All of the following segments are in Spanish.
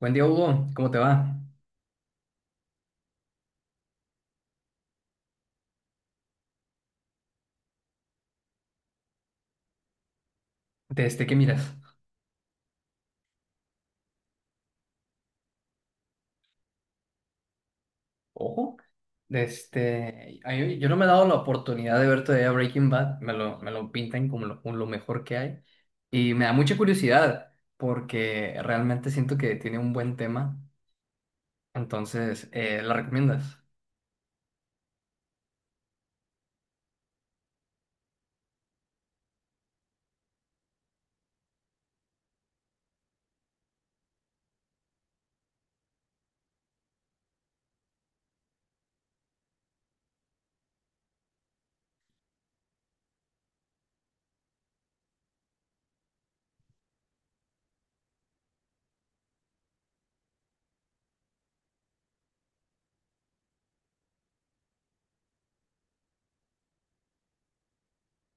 Buen día, Hugo. ¿Cómo te va? ¿Desde qué miras? Ojo. Yo no me he dado la oportunidad de ver todavía Breaking Bad. Me lo pintan como lo mejor que hay. Y me da mucha curiosidad porque realmente siento que tiene un buen tema. Entonces, ¿la recomiendas?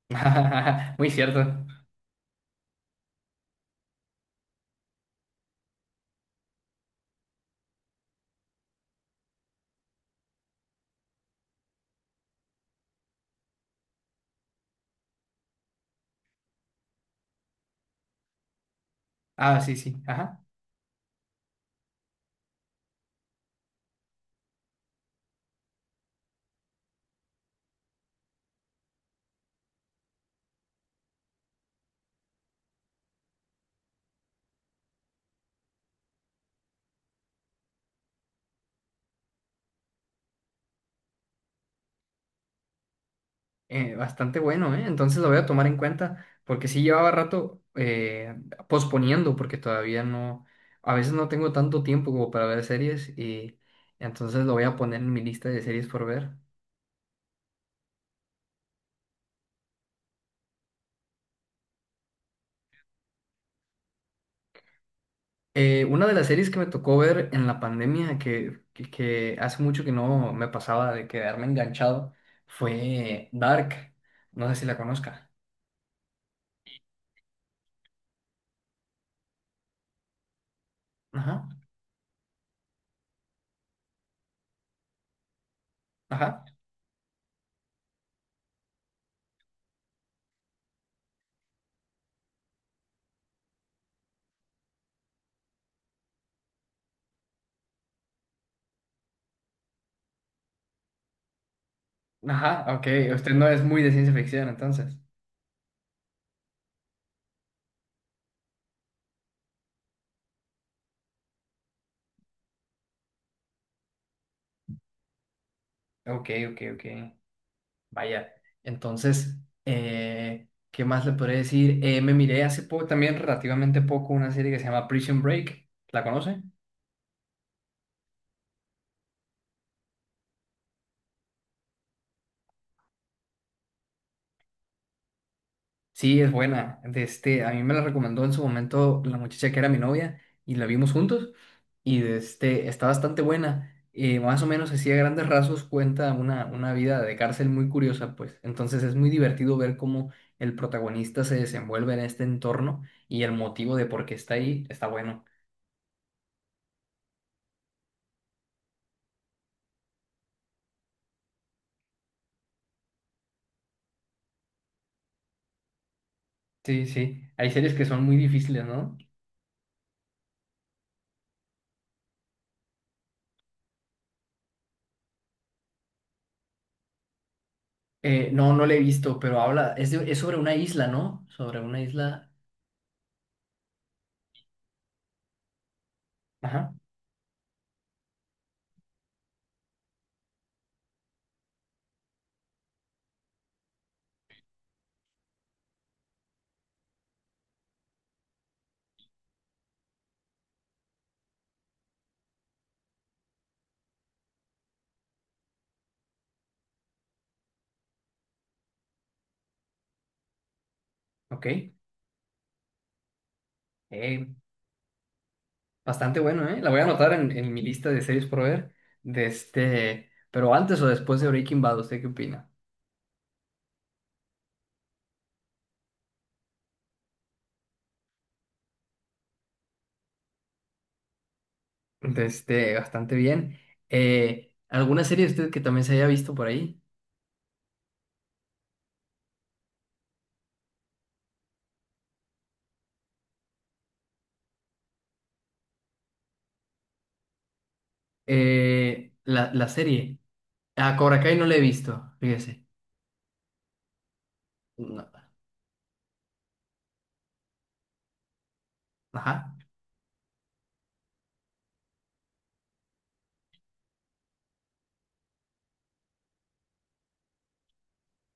Muy cierto. Ah, sí, sí. Ajá. Bastante bueno, ¿eh? Entonces lo voy a tomar en cuenta, porque sí llevaba rato posponiendo, porque todavía no, a veces no tengo tanto tiempo como para ver series, y entonces lo voy a poner en mi lista de series por ver. Una de las series que me tocó ver en la pandemia, que hace mucho que no me pasaba de quedarme enganchado, fue Dark. No sé si la conozca. Ajá, ajá, ajá, ok. Usted no es muy de ciencia ficción, entonces. Ok, ok, ok. Vaya, entonces, ¿qué más le podría decir? Me miré hace poco, también relativamente poco, una serie que se llama Prison Break. ¿La conoce? Sí, es buena. De este, a mí me la recomendó en su momento la muchacha que era mi novia y la vimos juntos. Y de este, está bastante buena. Más o menos así a grandes rasgos cuenta una vida de cárcel muy curiosa, pues. Entonces es muy divertido ver cómo el protagonista se desenvuelve en este entorno y el motivo de por qué está ahí está bueno. Sí, sí. Hay series que son muy difíciles, ¿no? No, no la he visto, pero habla, es, es sobre una isla, ¿no? Sobre una isla. Ajá, ok. Eh, Bastante bueno, ¿eh? La voy a anotar en mi lista de series por ver. De este, pero antes o después de Breaking Bad, ¿usted qué opina? De este, bastante bien. ¿Alguna serie de usted que también se haya visto por ahí? La serie. A Cobra Kai no la he visto, fíjese. No. Ajá,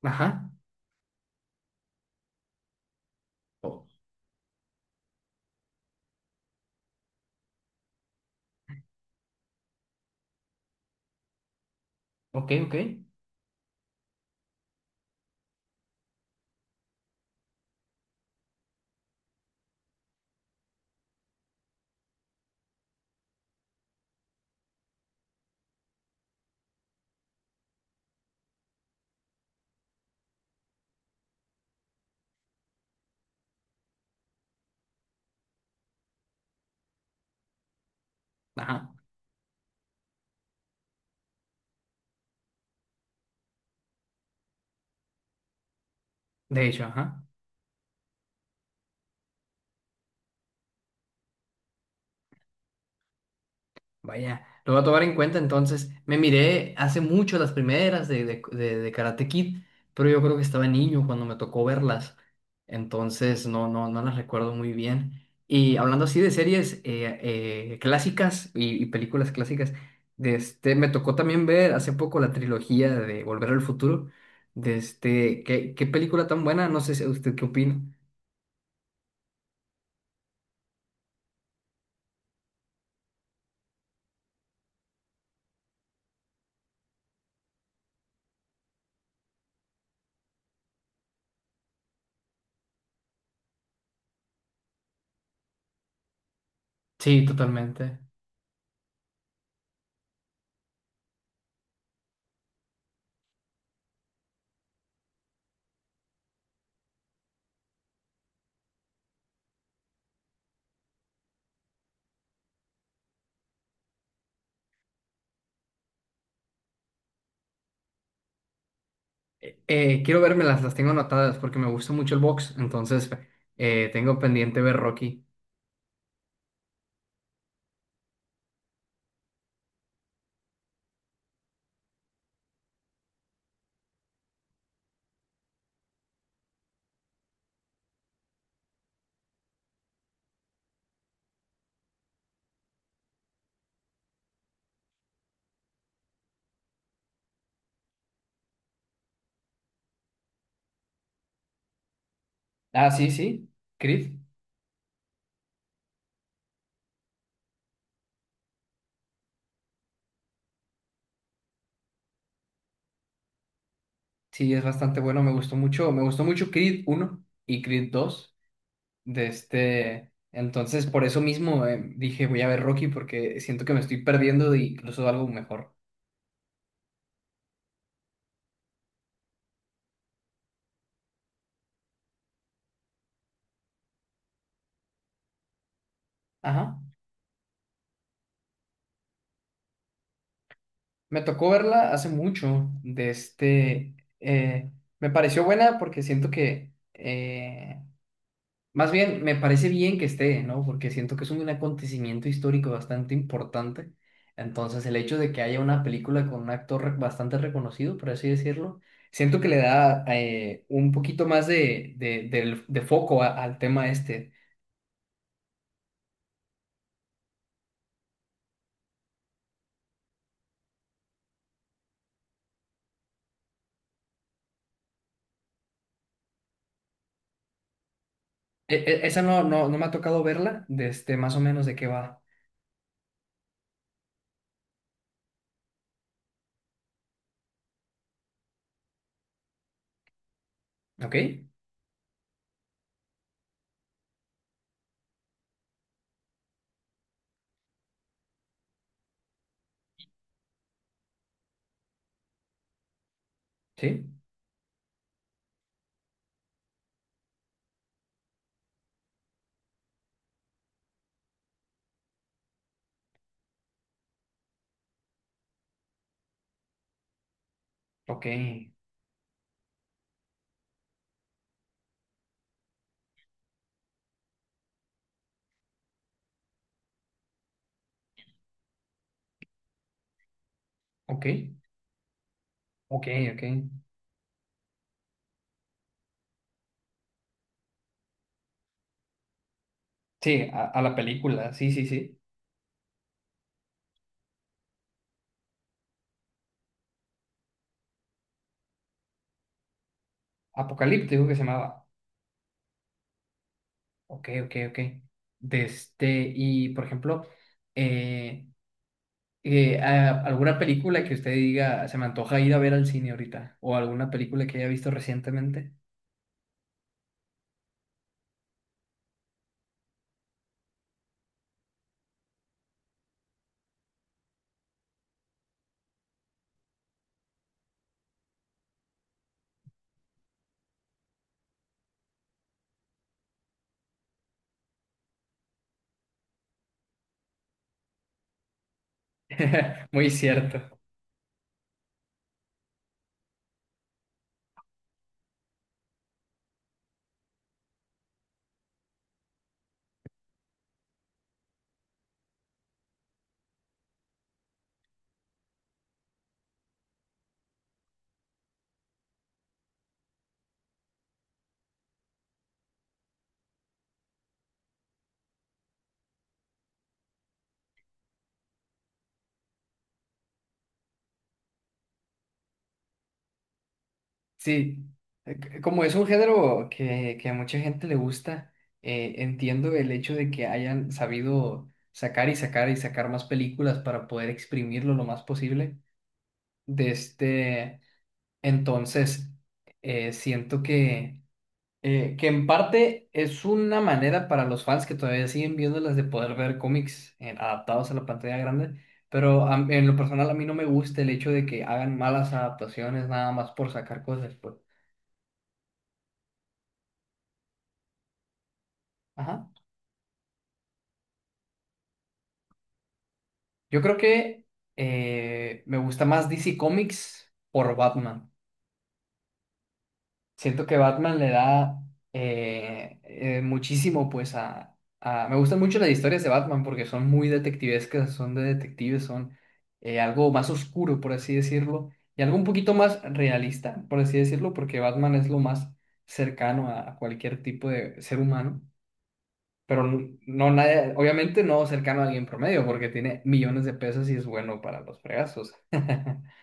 ajá. O- ok, ok. Ajá. De hecho, ajá. Vaya, lo voy a tomar en cuenta entonces. Me miré hace mucho las primeras de Karate Kid, pero yo creo que estaba niño cuando me tocó verlas. Entonces no, no, no las recuerdo muy bien. Y hablando así de series clásicas y películas clásicas, de este, me tocó también ver hace poco la trilogía de Volver al Futuro. De este, ¿qué, qué película tan buena? No sé si usted qué opina. Sí, totalmente. Quiero vermelas, las tengo anotadas porque me gusta mucho el box, entonces tengo pendiente ver Rocky. Ah, sí, sí, Creed. Sí, es bastante bueno, me gustó mucho Creed uno y Creed 2 de este, entonces por eso mismo dije voy a ver Rocky porque siento que me estoy perdiendo de incluso algo mejor. Ajá. Me tocó verla hace mucho de este, eh, me pareció buena porque siento que eh, más bien, me parece bien que esté, ¿no? Porque siento que es un acontecimiento histórico bastante importante. Entonces, el hecho de que haya una película con un actor bastante reconocido, por así decirlo, siento que le da un poquito más de, de foco al tema este. Esa no, no, no me ha tocado verla, de este, más o menos de qué va. ¿Ok? ¿Sí? Ok, ok, ok, ok. Sí, a la película, sí, sí, sí. Apocalíptico que se llamaba. Ok, ok, ok. De este, y por ejemplo, eh, ¿alguna película que usted diga, se me antoja ir a ver al cine ahorita? ¿O alguna película que haya visto recientemente? Muy cierto. Sí, como es un género que a mucha gente le gusta, entiendo el hecho de que hayan sabido sacar y sacar y sacar más películas para poder exprimirlo lo más posible. De este, entonces, siento que eh, que en parte es una manera para los fans que todavía siguen viéndolas de poder ver cómics adaptados a la pantalla grande, pero en lo personal a mí no me gusta el hecho de que hagan malas adaptaciones nada más por sacar cosas, pues. Ajá. Yo creo que me gusta más DC Comics por Batman. Siento que Batman le da muchísimo, pues, me gustan mucho las historias de Batman porque son muy detectivescas, son de detectives, son algo más oscuro, por así decirlo, y algo un poquito más realista, por así decirlo, porque Batman es lo más cercano a cualquier tipo de ser humano, pero no, nadie, obviamente no cercano a alguien promedio porque tiene millones de pesos y es bueno para los fregazos.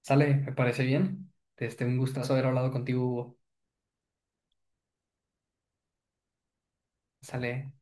Sale, me parece bien. Este, un gustazo haber hablado contigo, Hugo. Sale.